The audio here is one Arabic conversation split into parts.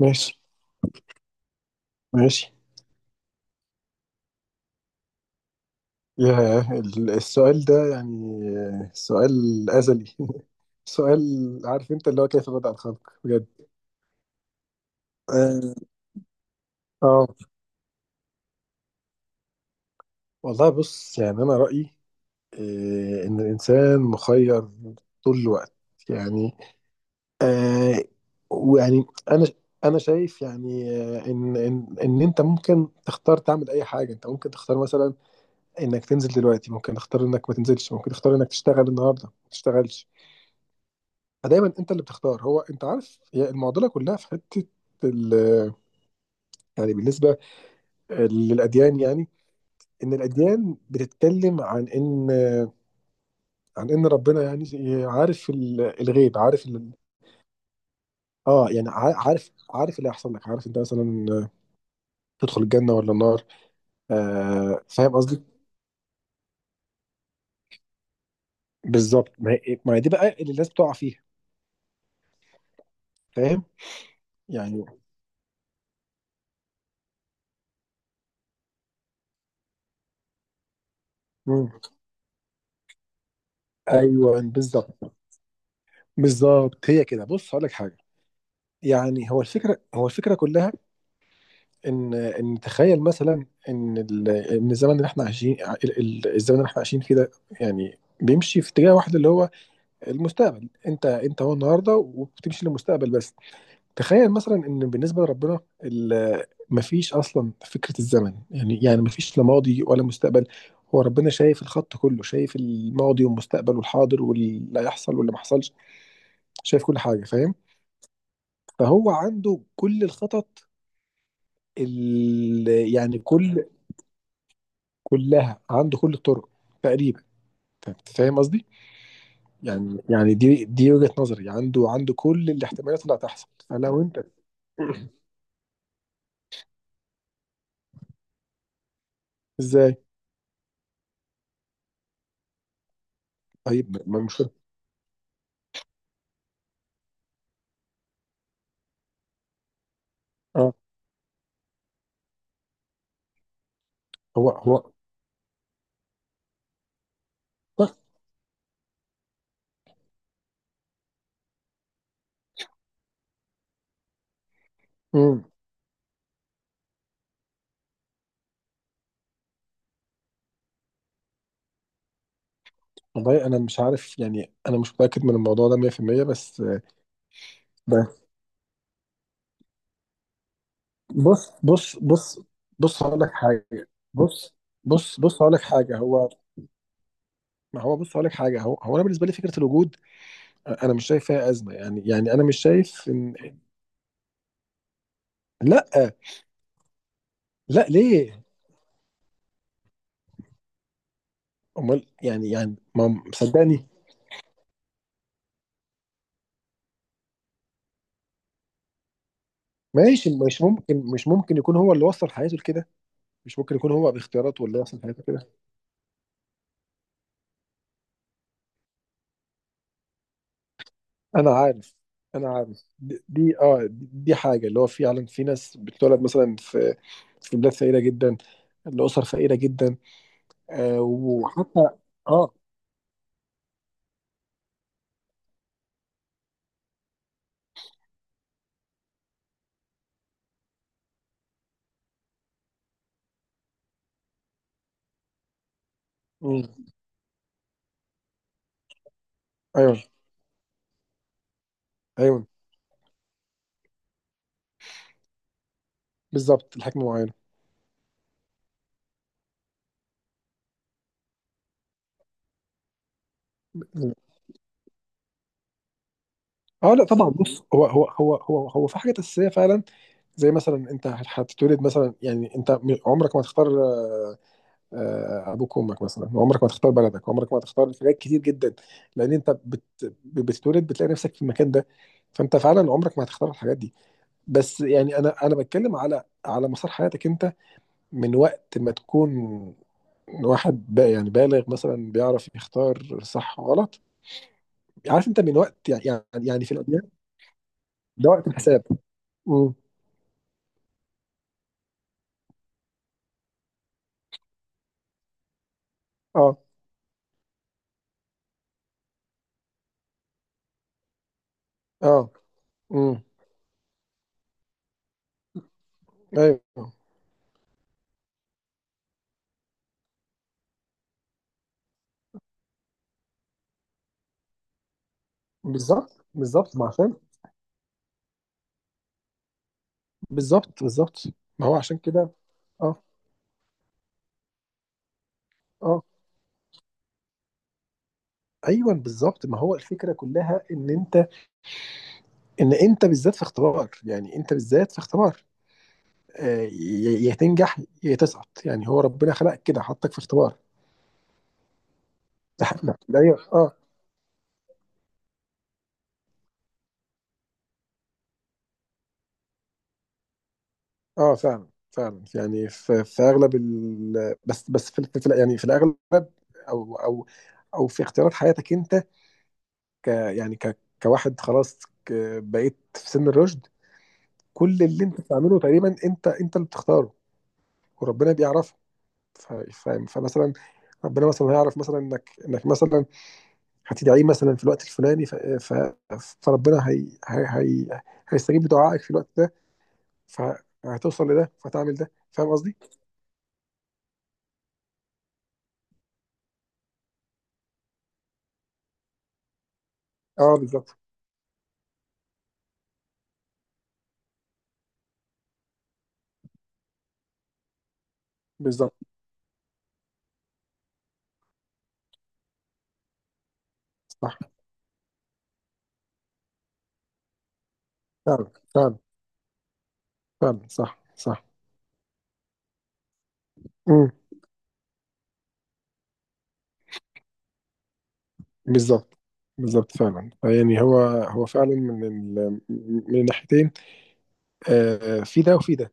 ماشي ماشي السؤال ده سؤال أزلي سؤال عارف انت اللي هو كيف بدأ الخلق بجد. اه آه. والله بص انا رأيي ان الانسان مخير طول الوقت. يعني آه ويعني انا انا شايف، ان انت ممكن تختار تعمل اي حاجه. انت ممكن تختار مثلا انك تنزل دلوقتي، ممكن تختار انك ما تنزلش، ممكن تختار انك تشتغل النهارده ما تشتغلش. فدايما انت اللي بتختار. هو انت عارف، هي المعضله كلها في حته ال- بالنسبه للاديان، ان الاديان بتتكلم عن ان عن ان ربنا عارف الغيب، عارف ال... اه عارف اللي هيحصل لك، عارف انت مثلا تدخل الجنه ولا النار. آه فاهم قصدي؟ بالظبط، ما هي دي بقى اللي الناس بتقع فيها، فاهم؟ يعني مم. ايوه بالظبط. بالظبط، هي كده، بص هقول لك حاجه، هو الفكره كلها ان تخيل مثلا ان ان الزمن اللي احنا عايشين، الزمن اللي احنا عايشين فيه ده بيمشي في اتجاه واحد اللي هو المستقبل. انت هو النهارده وبتمشي للمستقبل بس. تخيل مثلا ان بالنسبه لربنا مفيش اصلا فكره الزمن، يعني مفيش لا ماضي ولا مستقبل. هو ربنا شايف الخط كله، شايف الماضي والمستقبل والحاضر واللي هيحصل واللي ما حصلش، شايف كل حاجه، فاهم؟ فهو عنده كل الخطط ال- كل كلها عنده، كل الطرق تقريبا، انت فاهم قصدي؟ يعني دي وجهة نظري، عنده كل الاحتمالات اللي هتحصل فلو انت ازاي؟ طيب ما مش اه هو هو امم. والله انا مش عارف، انا مش متاكد من الموضوع ده 100%. بس بس بص بص بص بص هقول لك حاجه. بص بص بص هقول لك حاجه هو. ما هو بص هقول لك حاجه، هو انا بالنسبه لي فكره الوجود انا مش شايف فيها ازمه. يعني انا مش شايف ان لا. لا ليه؟ امال يعني؟ ما مصدقني؟ ماشي. مش ممكن، مش ممكن يكون هو اللي وصل حياته لكده، مش ممكن يكون هو باختياراته اللي وصل حياته كده. انا عارف، انا عارف، دي حاجه. اللي هو فعلا في ناس بتتولد مثلا في في بلاد فقيره جدا، لاسر فقيره جدا، آه وحتى اه. مم. ايوه، ايوه بالظبط، الحكمه معينه. اه لا طبعا. بص، هو في حاجات اساسيه فعلا، زي مثلا انت هتتولد مثلا، انت عمرك ما تختار ابوك وامك مثلا، وعمرك ما تختار بلدك، وعمرك ما تختار حاجات كتير جدا، لان انت بتتولد بتلاقي نفسك في المكان ده، فانت فعلا عمرك ما هتختار الحاجات دي. بس انا بتكلم على مسار حياتك انت، من وقت ما تكون واحد بقى، بالغ مثلا بيعرف يختار صح وغلط. عارف انت من وقت، في الاديان ده وقت الحساب. امم اه اه امم ايوه بالظبط بالظبط ما عشان بالظبط بالظبط ما هو عشان كده. اه اه ايوه بالظبط. ما هو الفكره كلها ان انت، ان انت بالذات في اختبار، انت بالذات في اختبار، يا تنجح يا تسقط. هو ربنا خلقك كده، حطك في اختبار. لا ايوه اه. اه فعلا، فعلا. يعني في, في اغلب ال... بس في الاغلب، او او او في اختيارات حياتك انت، ك يعني ك كواحد خلاص، بقيت في سن الرشد، كل اللي انت بتعمله تقريبا انت اللي بتختاره. وربنا بيعرفك، ف- فاهم؟ فمثلا ربنا مثلا هيعرف مثلا انك مثلا هتدعيه مثلا في الوقت الفلاني، فربنا هي هي هي هيستجيب بدعائك في الوقت ده، فهتوصل لده فتعمل ده، فاهم قصدي؟ اه بالظبط، بالظبط صح. فعلا، فعلا صح صح. امم بالظبط، بالظبط فعلا. يعني هو هو فعلا من ال... من الناحيتين، آه في ده وفي ده.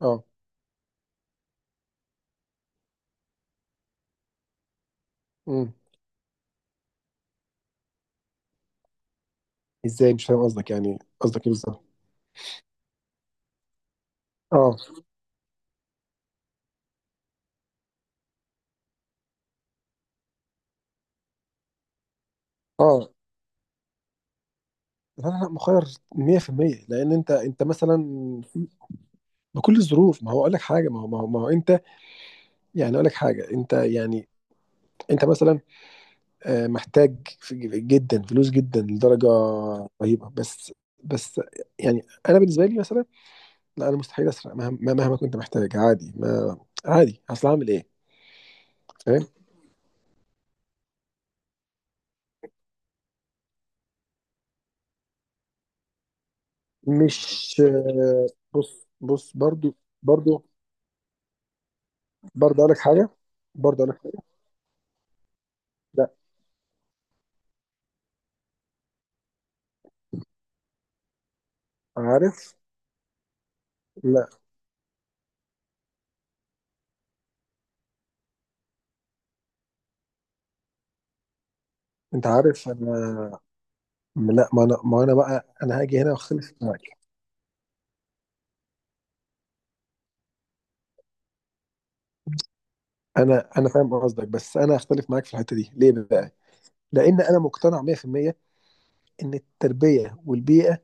اه امم. ازاي؟ مش فاهم قصدك، قصدك ايه بالظبط؟ اه اه لا لا مخير 100%، لان انت، انت مثلا، في- بكل الظروف. ما هو اقول لك حاجه، ما هو ما هو, ما هو انت، اقول لك حاجه، انت انت مثلا محتاج جدا فلوس، جدا لدرجه رهيبه، بس بس يعني انا بالنسبه لي مثلا لا، انا مستحيل اسرق، مهما كنت محتاج. عادي، ما عادي، اصل هعمل ايه؟ فاهم؟ مش آه، بص برضو. برضو برضو اقول لك حاجه برضو اقول لك حاجه. لا عارف، لا انت عارف انا لا، ما انا ما انا بقى انا هاجي هنا واختلف معاك. انا فاهم قصدك، بس انا هختلف معاك في الحته دي. ليه بقى؟ لان انا مقتنع 100% ان التربيه والبيئه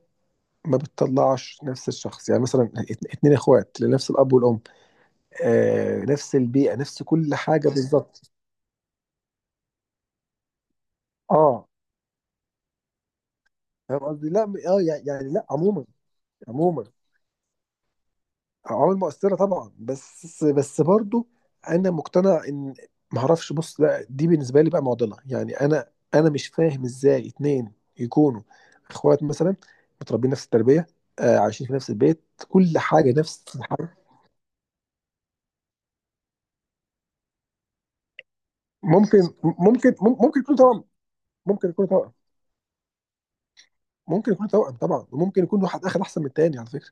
ما بتطلعش نفس الشخص. مثلا اتنين اخوات لنفس الاب والام، نفس البيئه، نفس كل حاجه بالظبط. اه فاهم قصدي؟ لا لا عموما، عموما عوامل مؤثرة طبعا، بس بس برضو انا مقتنع ان معرفش. بص لا، دي بالنسبة لي بقى معضلة، انا مش فاهم ازاي اتنين يكونوا اخوات مثلا، متربيين نفس التربية، عايشين في نفس البيت، كل حاجة نفس الحاجة. ممكن، ممكن ممكن يكون توأم. ممكن يكون توأم ممكن يكون توأم طبعا، وممكن يكون واحد اخد احسن من التاني على فكرة.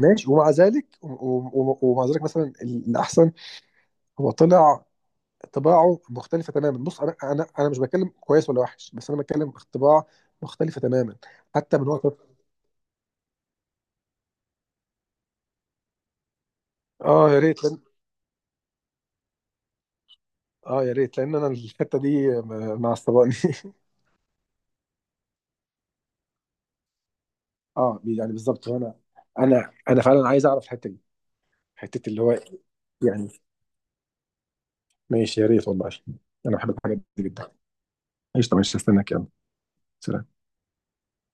ماشي. ومع ذلك ومع ذلك مثلا الاحسن هو طلع طباعه مختلفه تماما. بص انا مش بتكلم كويس ولا وحش، بس انا بتكلم طباع مختلفه تماما، حتى من وقت. اه يا ريت لأن... اه يا ريت، لان انا الحته دي معصباني اه، يعني بالظبط. وانا انا انا فعلا عايز اعرف الحته دي، حته اللي هو يعني. ماشي يا ريت والله، انا بحب الحاجات دي جدا. ايش؟ طب استناك، يلا، سلام.